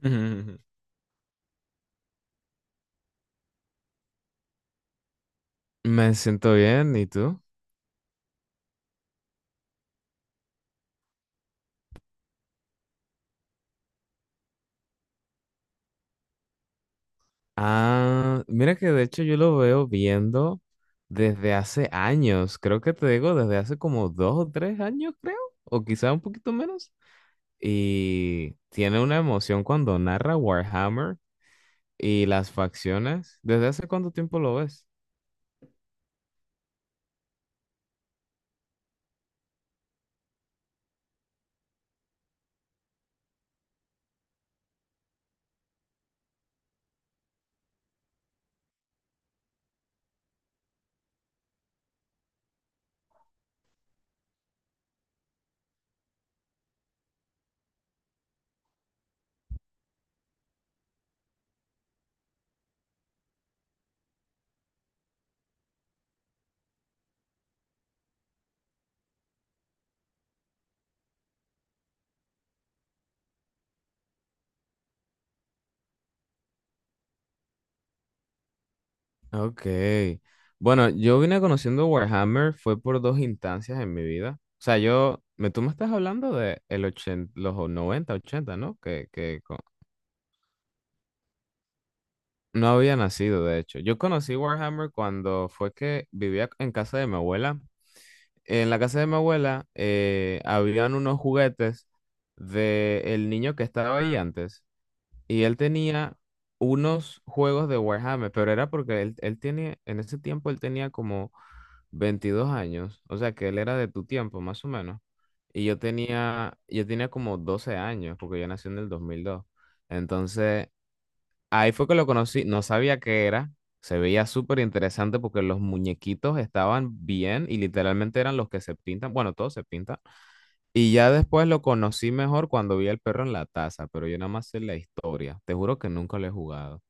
Ujú. Me siento bien, ¿y tú? Ah, mira que de hecho yo lo veo viendo desde hace años, creo que te digo desde hace como 2 o 3 años, creo, o quizá un poquito menos. Y tiene una emoción cuando narra Warhammer y las facciones. ¿Desde hace cuánto tiempo lo ves? Ok. Bueno, yo vine conociendo Warhammer fue por dos instancias en mi vida. O sea, tú me estás hablando de el 80, los 90 80, ¿no? No había nacido, de hecho. Yo conocí Warhammer cuando fue que vivía en casa de mi abuela. En la casa de mi abuela habían unos juguetes de el niño que estaba ahí antes. Y él tenía unos juegos de Warhammer, pero era porque él tiene, en ese tiempo él tenía como 22 años. O sea que él era de tu tiempo, más o menos. Y yo tenía como 12 años, porque yo nací en el dos mil dos. Entonces. Ahí fue que lo conocí, no sabía qué era, se veía súper interesante porque los muñequitos estaban bien y literalmente eran los que se pintan, bueno, todos se pintan. Y ya después lo conocí mejor cuando vi al perro en la taza, pero yo nada más sé la historia, te juro que nunca lo he jugado.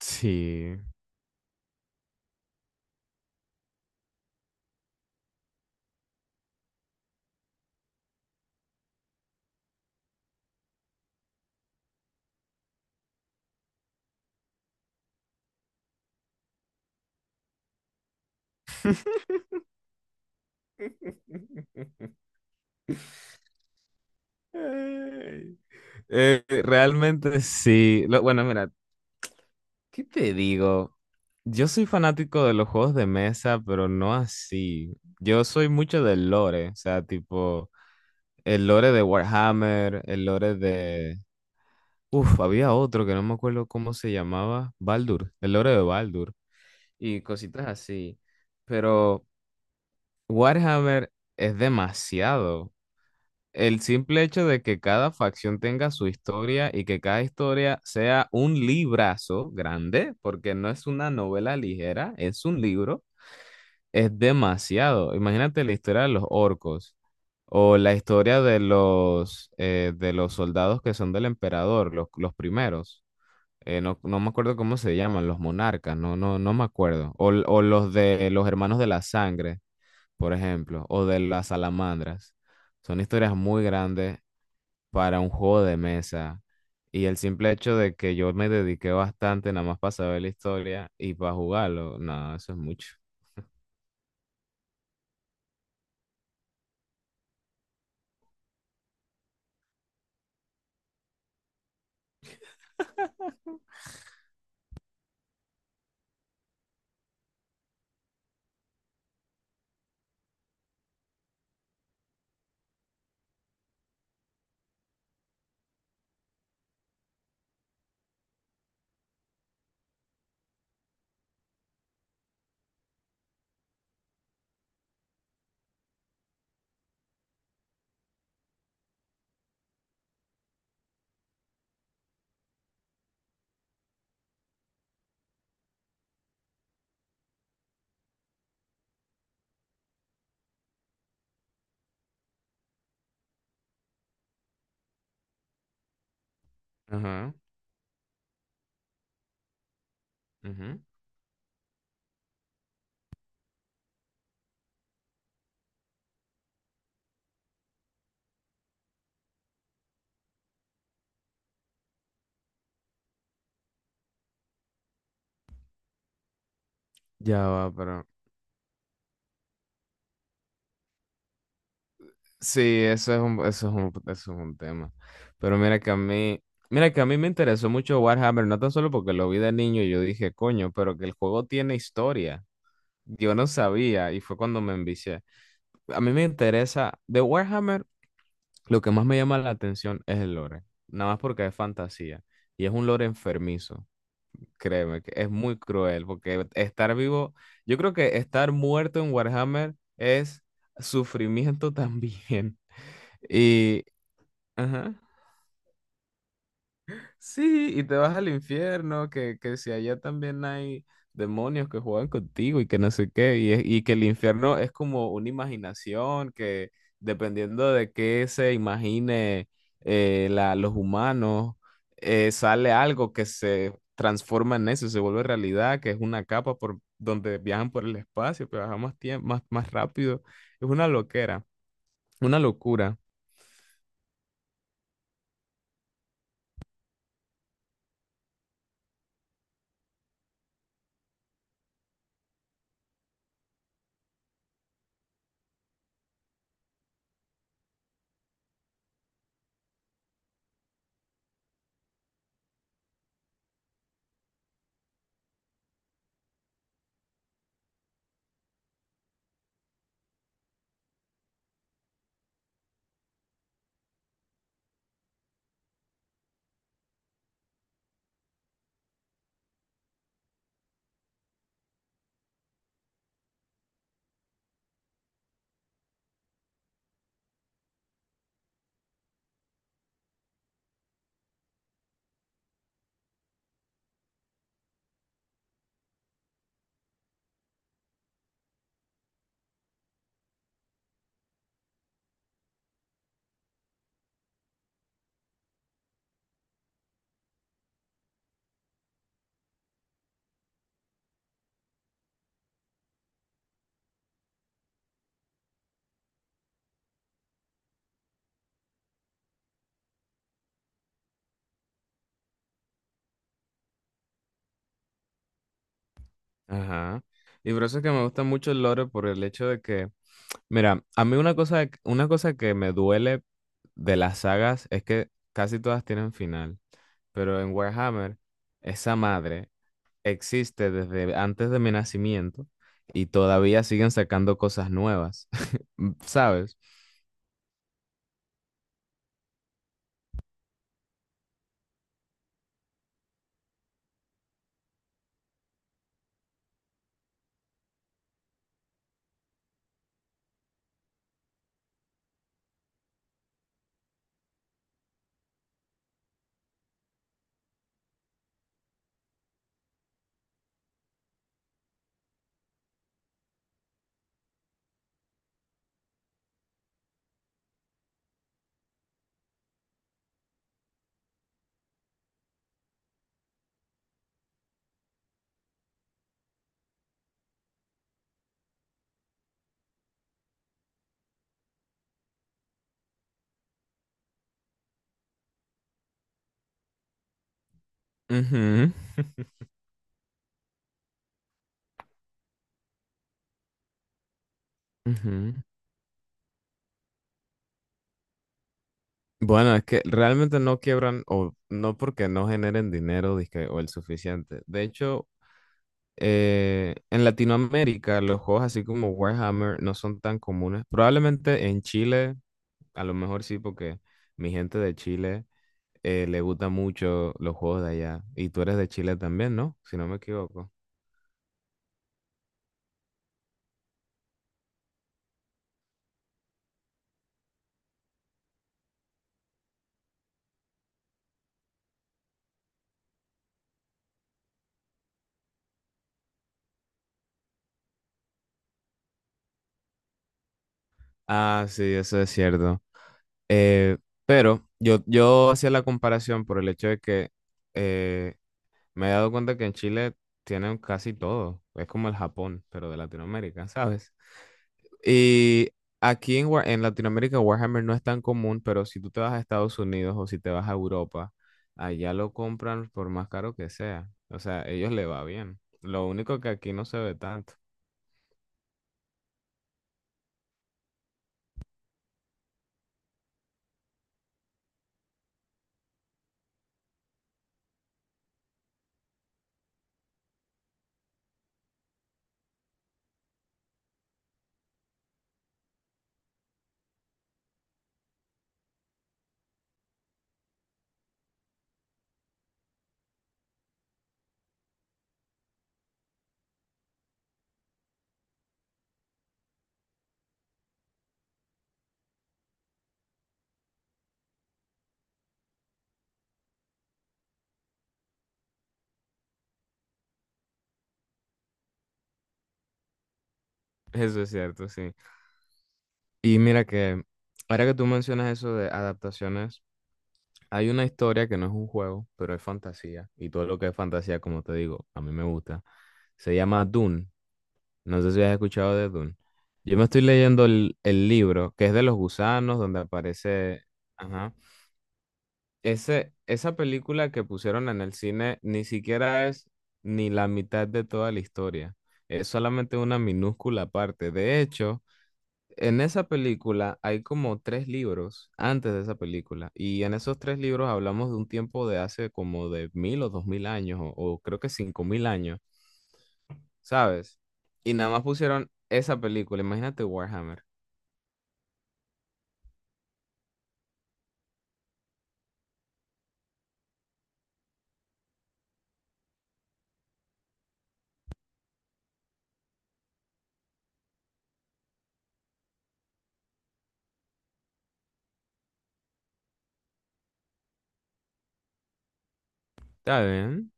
Sí. Ay. Realmente sí. Bueno, mira, ¿qué te digo? Yo soy fanático de los juegos de mesa, pero no así. Yo soy mucho del lore, o sea, tipo el lore de Warhammer, el lore de. Uf, había otro que no me acuerdo cómo se llamaba, Baldur, el lore de Baldur y cositas así. Pero Warhammer es demasiado, el simple hecho de que cada facción tenga su historia y que cada historia sea un librazo grande, porque no es una novela ligera, es un libro, es demasiado. Imagínate la historia de los orcos o la historia de de los soldados que son del emperador, los primeros. No, no me acuerdo cómo se llaman, los monarcas, no, no, no me acuerdo. O los de los hermanos de la sangre, por ejemplo, o de las salamandras. Son historias muy grandes para un juego de mesa. Y el simple hecho de que yo me dediqué bastante nada más para saber la historia y para jugarlo, no, eso es mucho. Ajá, ujú. Ya va, pero sí, eso es un, eso es un, eso es un tema. Pero mira que a mí me interesó mucho Warhammer, no tan solo porque lo vi de niño y yo dije, coño, pero que el juego tiene historia. Yo no sabía y fue cuando me envicié. A mí me interesa de Warhammer. Lo que más me llama la atención es el lore, nada más porque es fantasía y es un lore enfermizo, créeme, que es muy cruel porque estar vivo, yo creo que estar muerto en Warhammer es sufrimiento también. Y, ajá. Sí, y te vas al infierno, que si allá también hay demonios que juegan contigo y que no sé qué, y que el infierno es como una imaginación que dependiendo de qué se imagine los humanos, sale algo que se transforma en eso, se vuelve realidad, que es una capa por donde viajan por el espacio, pero viajan más tiempo, más, más rápido. Es una loquera, una locura. Ajá. Y por eso es que me gusta mucho el lore, por el hecho de que. Mira, a mí una cosa que me duele de las sagas es que casi todas tienen final, pero en Warhammer esa madre existe desde antes de mi nacimiento y todavía siguen sacando cosas nuevas, ¿sabes? Ujú, ujú. Bueno, es que realmente no quiebran o no porque no generen dinero dizque, o el suficiente. De hecho, en Latinoamérica los juegos así como Warhammer no son tan comunes. Probablemente en Chile, a lo mejor sí, porque mi gente de Chile le gusta mucho los juegos de allá. Y tú eres de Chile también, ¿no? Si no me equivoco. Ah, sí, eso es cierto. Eh, pero yo hacía la comparación por el hecho de que eh, me he dado cuenta que en Chile tienen casi todo. Es como el Japón, pero de Latinoamérica, ¿sabes? Y aquí en Latinoamérica Warhammer no es tan común, pero si tú te vas a Estados Unidos o si te vas a Europa, allá lo compran por más caro que sea. O sea, a ellos le va bien. Lo único que aquí no se ve tanto. Eso es cierto, sí. Y mira que ahora que tú mencionas eso de adaptaciones, hay una historia que no es un juego, pero es fantasía. Y todo lo que es fantasía, como te digo, a mí me gusta. Se llama Dune. No sé si has escuchado de Dune. Yo me estoy leyendo el libro, que es de los gusanos, donde aparece. Ajá. Esa película que pusieron en el cine ni siquiera es ni la mitad de toda la historia. Es solamente una minúscula parte. De hecho, en esa película hay como tres libros antes de esa película. Y en esos tres libros hablamos de un tiempo de hace como de 1.000 o 2.000 años, o creo que 5.000 años. ¿Sabes? Y nada más pusieron esa película. Imagínate Warhammer. Está bien,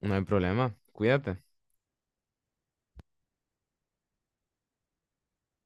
no hay problema. Cuídate.